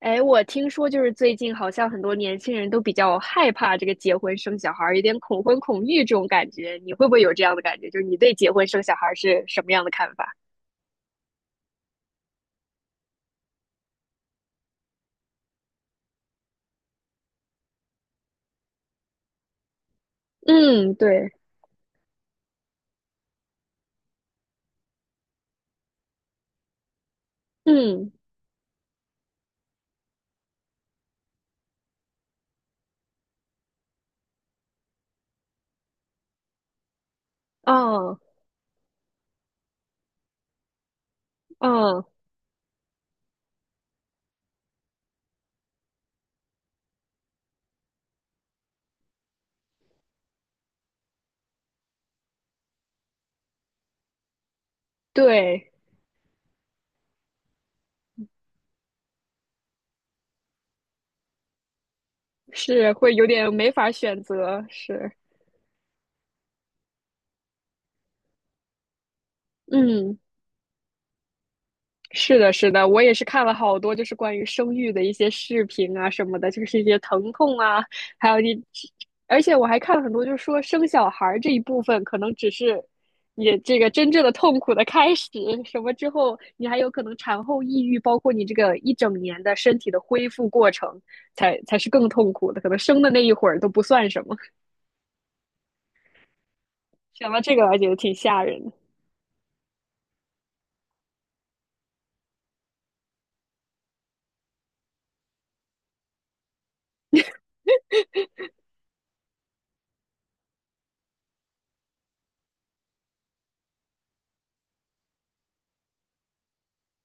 哎，我听说就是最近好像很多年轻人都比较害怕这个结婚生小孩儿，有点恐婚恐育这种感觉。你会不会有这样的感觉？就是你对结婚生小孩儿是什么样的看法？嗯，对，嗯，嗯嗯，对，是会有点没法选择，是，嗯。是的，是的，我也是看了好多，就是关于生育的一些视频啊什么的，就是一些疼痛啊，还有你，而且我还看了很多，就是说生小孩儿这一部分可能只是你这个真正的痛苦的开始，什么之后你还有可能产后抑郁，包括你这个一整年的身体的恢复过程，才是更痛苦的，可能生的那一会儿都不算什么。想到这个，我还觉得挺吓人的。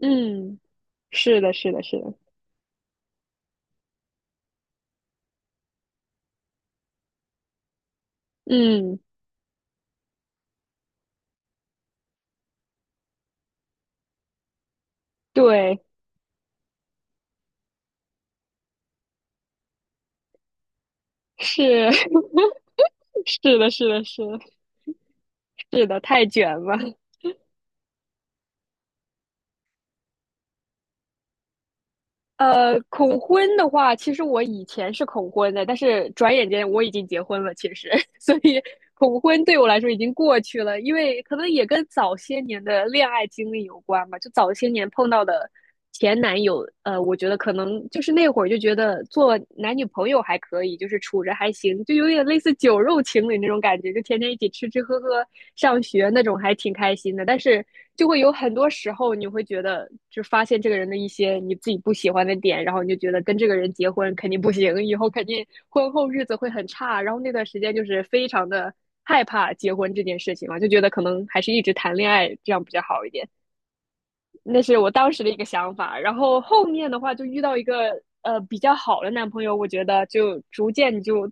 嗯，是的，是的，是的，嗯，对，是。是的，是的，是的，是的，太卷了。恐婚的话，其实我以前是恐婚的，但是转眼间我已经结婚了，其实，所以恐婚对我来说已经过去了，因为可能也跟早些年的恋爱经历有关吧。就早些年碰到的前男友，我觉得可能就是那会儿就觉得做男女朋友还可以，就是处着还行，就有点类似酒肉情侣那种感觉，就天天一起吃吃喝喝、上学那种，还挺开心的。但是就会有很多时候，你会觉得就发现这个人的一些你自己不喜欢的点，然后你就觉得跟这个人结婚肯定不行，以后肯定婚后日子会很差。然后那段时间就是非常的害怕结婚这件事情嘛，就觉得可能还是一直谈恋爱这样比较好一点。那是我当时的一个想法。然后后面的话，就遇到一个比较好的男朋友，我觉得就逐渐就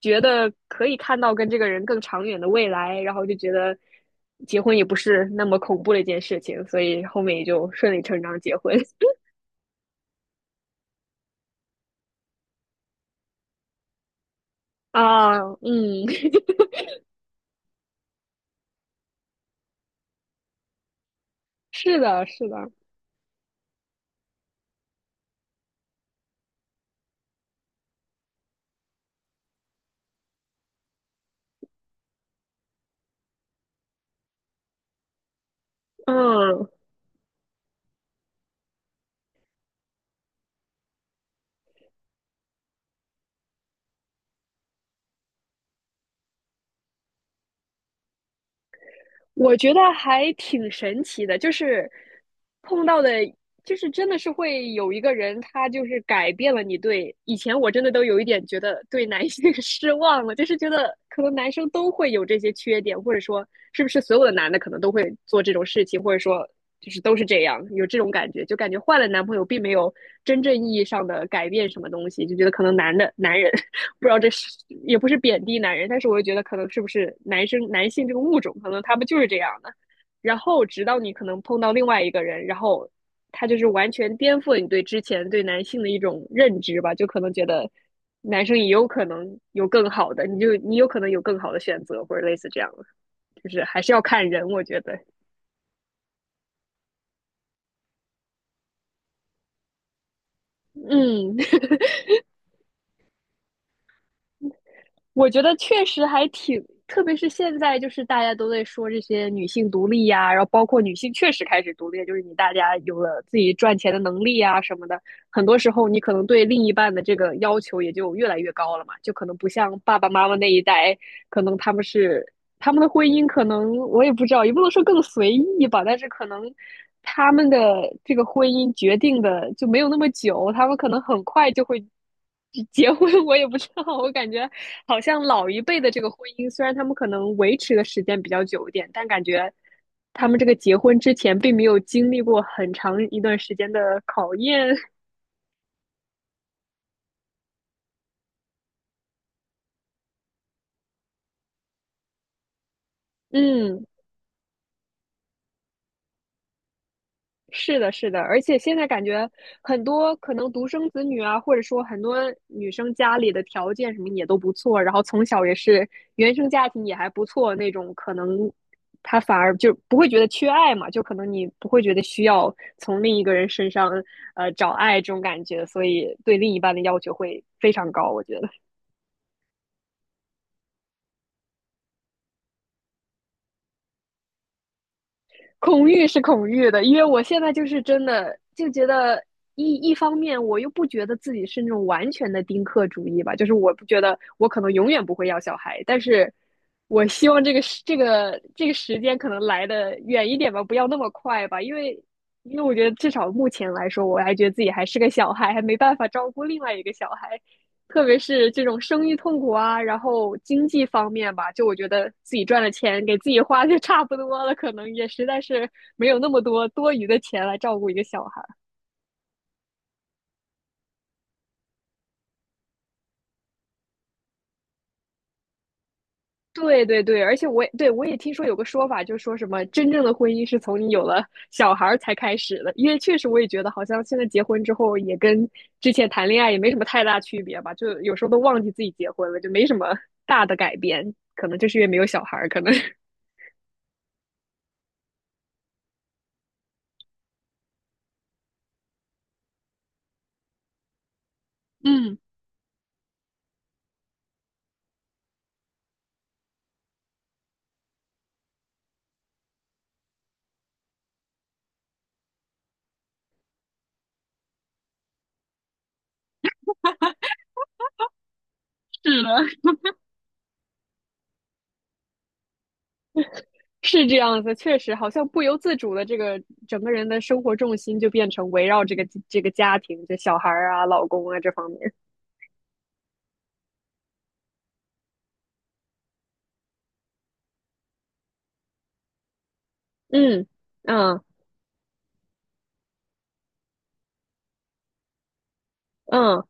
觉得可以看到跟这个人更长远的未来，然后就觉得结婚也不是那么恐怖的一件事情，所以后面也就顺理成章结婚 啊。嗯，是的，是的，嗯，我觉得还挺神奇的，就是碰到的，就是真的是会有一个人，他就是改变了你对以前我真的都有一点觉得对男性 失望了，就是觉得可能男生都会有这些缺点，或者说是不是所有的男的可能都会做这种事情，或者说就是都是这样，有这种感觉，就感觉换了男朋友并没有真正意义上的改变什么东西，就觉得可能男人，不知道这是也不是贬低男人，但是我又觉得可能是不是男性这个物种，可能他们就是这样的。然后直到你可能碰到另外一个人，然后他就是完全颠覆了你对之前对男性的一种认知吧，就可能觉得男生也有可能有更好的，你就你有可能有更好的选择或者类似这样的，就是还是要看人，我觉得，嗯。我觉得确实还挺，特别是现在，就是大家都在说这些女性独立呀、然后包括女性确实开始独立，就是你大家有了自己赚钱的能力啊什么的，很多时候你可能对另一半的这个要求也就越来越高了嘛，就可能不像爸爸妈妈那一代，可能他们是他们的婚姻可能我也不知道，也不能说更随意吧，但是可能他们的这个婚姻决定的就没有那么久，他们可能很快就会结婚，我也不知道。我感觉好像老一辈的这个婚姻，虽然他们可能维持的时间比较久一点，但感觉他们这个结婚之前并没有经历过很长一段时间的考验。嗯，是的，是的，而且现在感觉很多可能独生子女啊，或者说很多女生家里的条件什么也都不错，然后从小也是原生家庭也还不错那种，可能她反而就不会觉得缺爱嘛，就可能你不会觉得需要从另一个人身上找爱这种感觉，所以对另一半的要求会非常高，我觉得。恐惧是恐惧的，因为我现在就是真的就觉得一方面，我又不觉得自己是那种完全的丁克主义吧，就是我不觉得我可能永远不会要小孩，但是我希望这个时间可能来的远一点吧，不要那么快吧，因为我觉得至少目前来说，我还觉得自己还是个小孩，还没办法照顾另外一个小孩，特别是这种生育痛苦啊，然后经济方面吧，就我觉得自己赚的钱给自己花就差不多了，可能也实在是没有那么多多余的钱来照顾一个小孩。对对对，而且我也对我也听说有个说法，就说什么真正的婚姻是从你有了小孩才开始的，因为确实我也觉得好像现在结婚之后也跟之前谈恋爱也没什么太大区别吧，就有时候都忘记自己结婚了，就没什么大的改变，可能就是因为没有小孩可能 嗯，是的。是这样子，确实好像不由自主的，这个整个人的生活重心就变成围绕这个家庭、这小孩儿啊、老公啊这方面。嗯嗯嗯，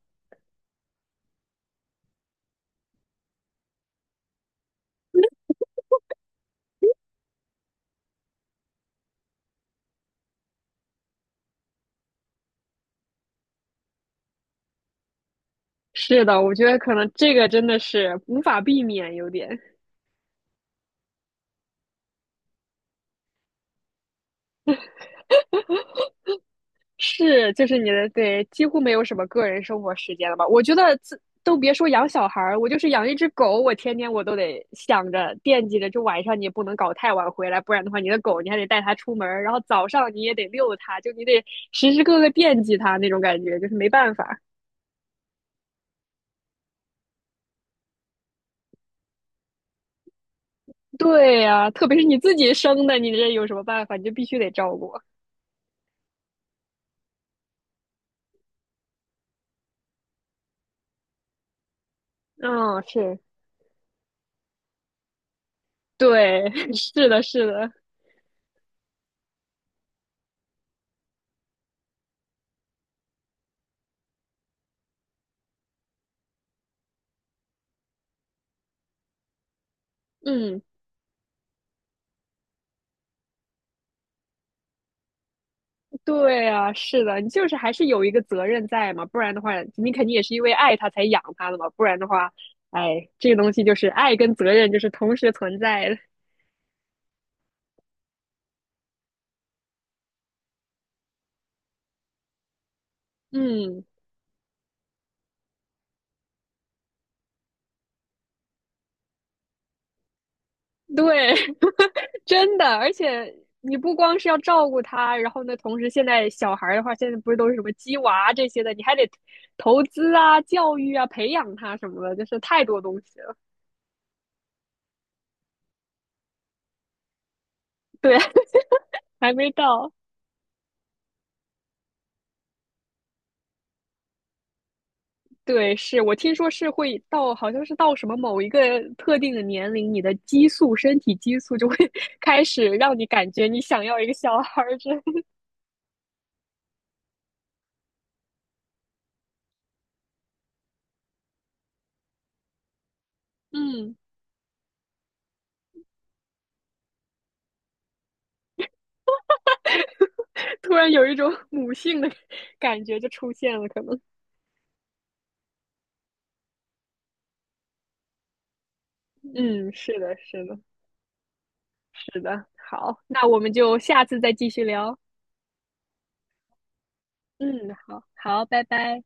是的，我觉得可能这个真的是无法避免，有点。是，就是你的，对，几乎没有什么个人生活时间了吧？我觉得自都别说养小孩儿，我就是养一只狗，我天天我都得想着惦记着，就晚上你也不能搞太晚回来，不然的话，你的狗你还得带它出门儿然后早上你也得遛它，就你得时时刻刻惦记它那种感觉，就是没办法。对呀，特别是你自己生的，你这有什么办法？你就必须得照顾。嗯，是，对，是的，是的，嗯。对啊，是的，你就是还是有一个责任在嘛，不然的话，你肯定也是因为爱他才养他的嘛，不然的话，哎，这个东西就是爱跟责任就是同时存在的。嗯，对，真的，而且你不光是要照顾他，然后呢，同时现在小孩儿的话，现在不是都是什么鸡娃这些的，你还得投资啊、教育啊、培养他什么的，就是太多东西了。对，还没到。对，是我听说是会到，好像是到什么某一个特定的年龄，你的激素，身体激素就会 开始让你感觉你想要一个小孩儿，这，嗯，突然有一种 母性的感觉就出现了，可能，嗯，是的，是的，是的，好，那我们就下次再继续聊，嗯，好，好，拜拜。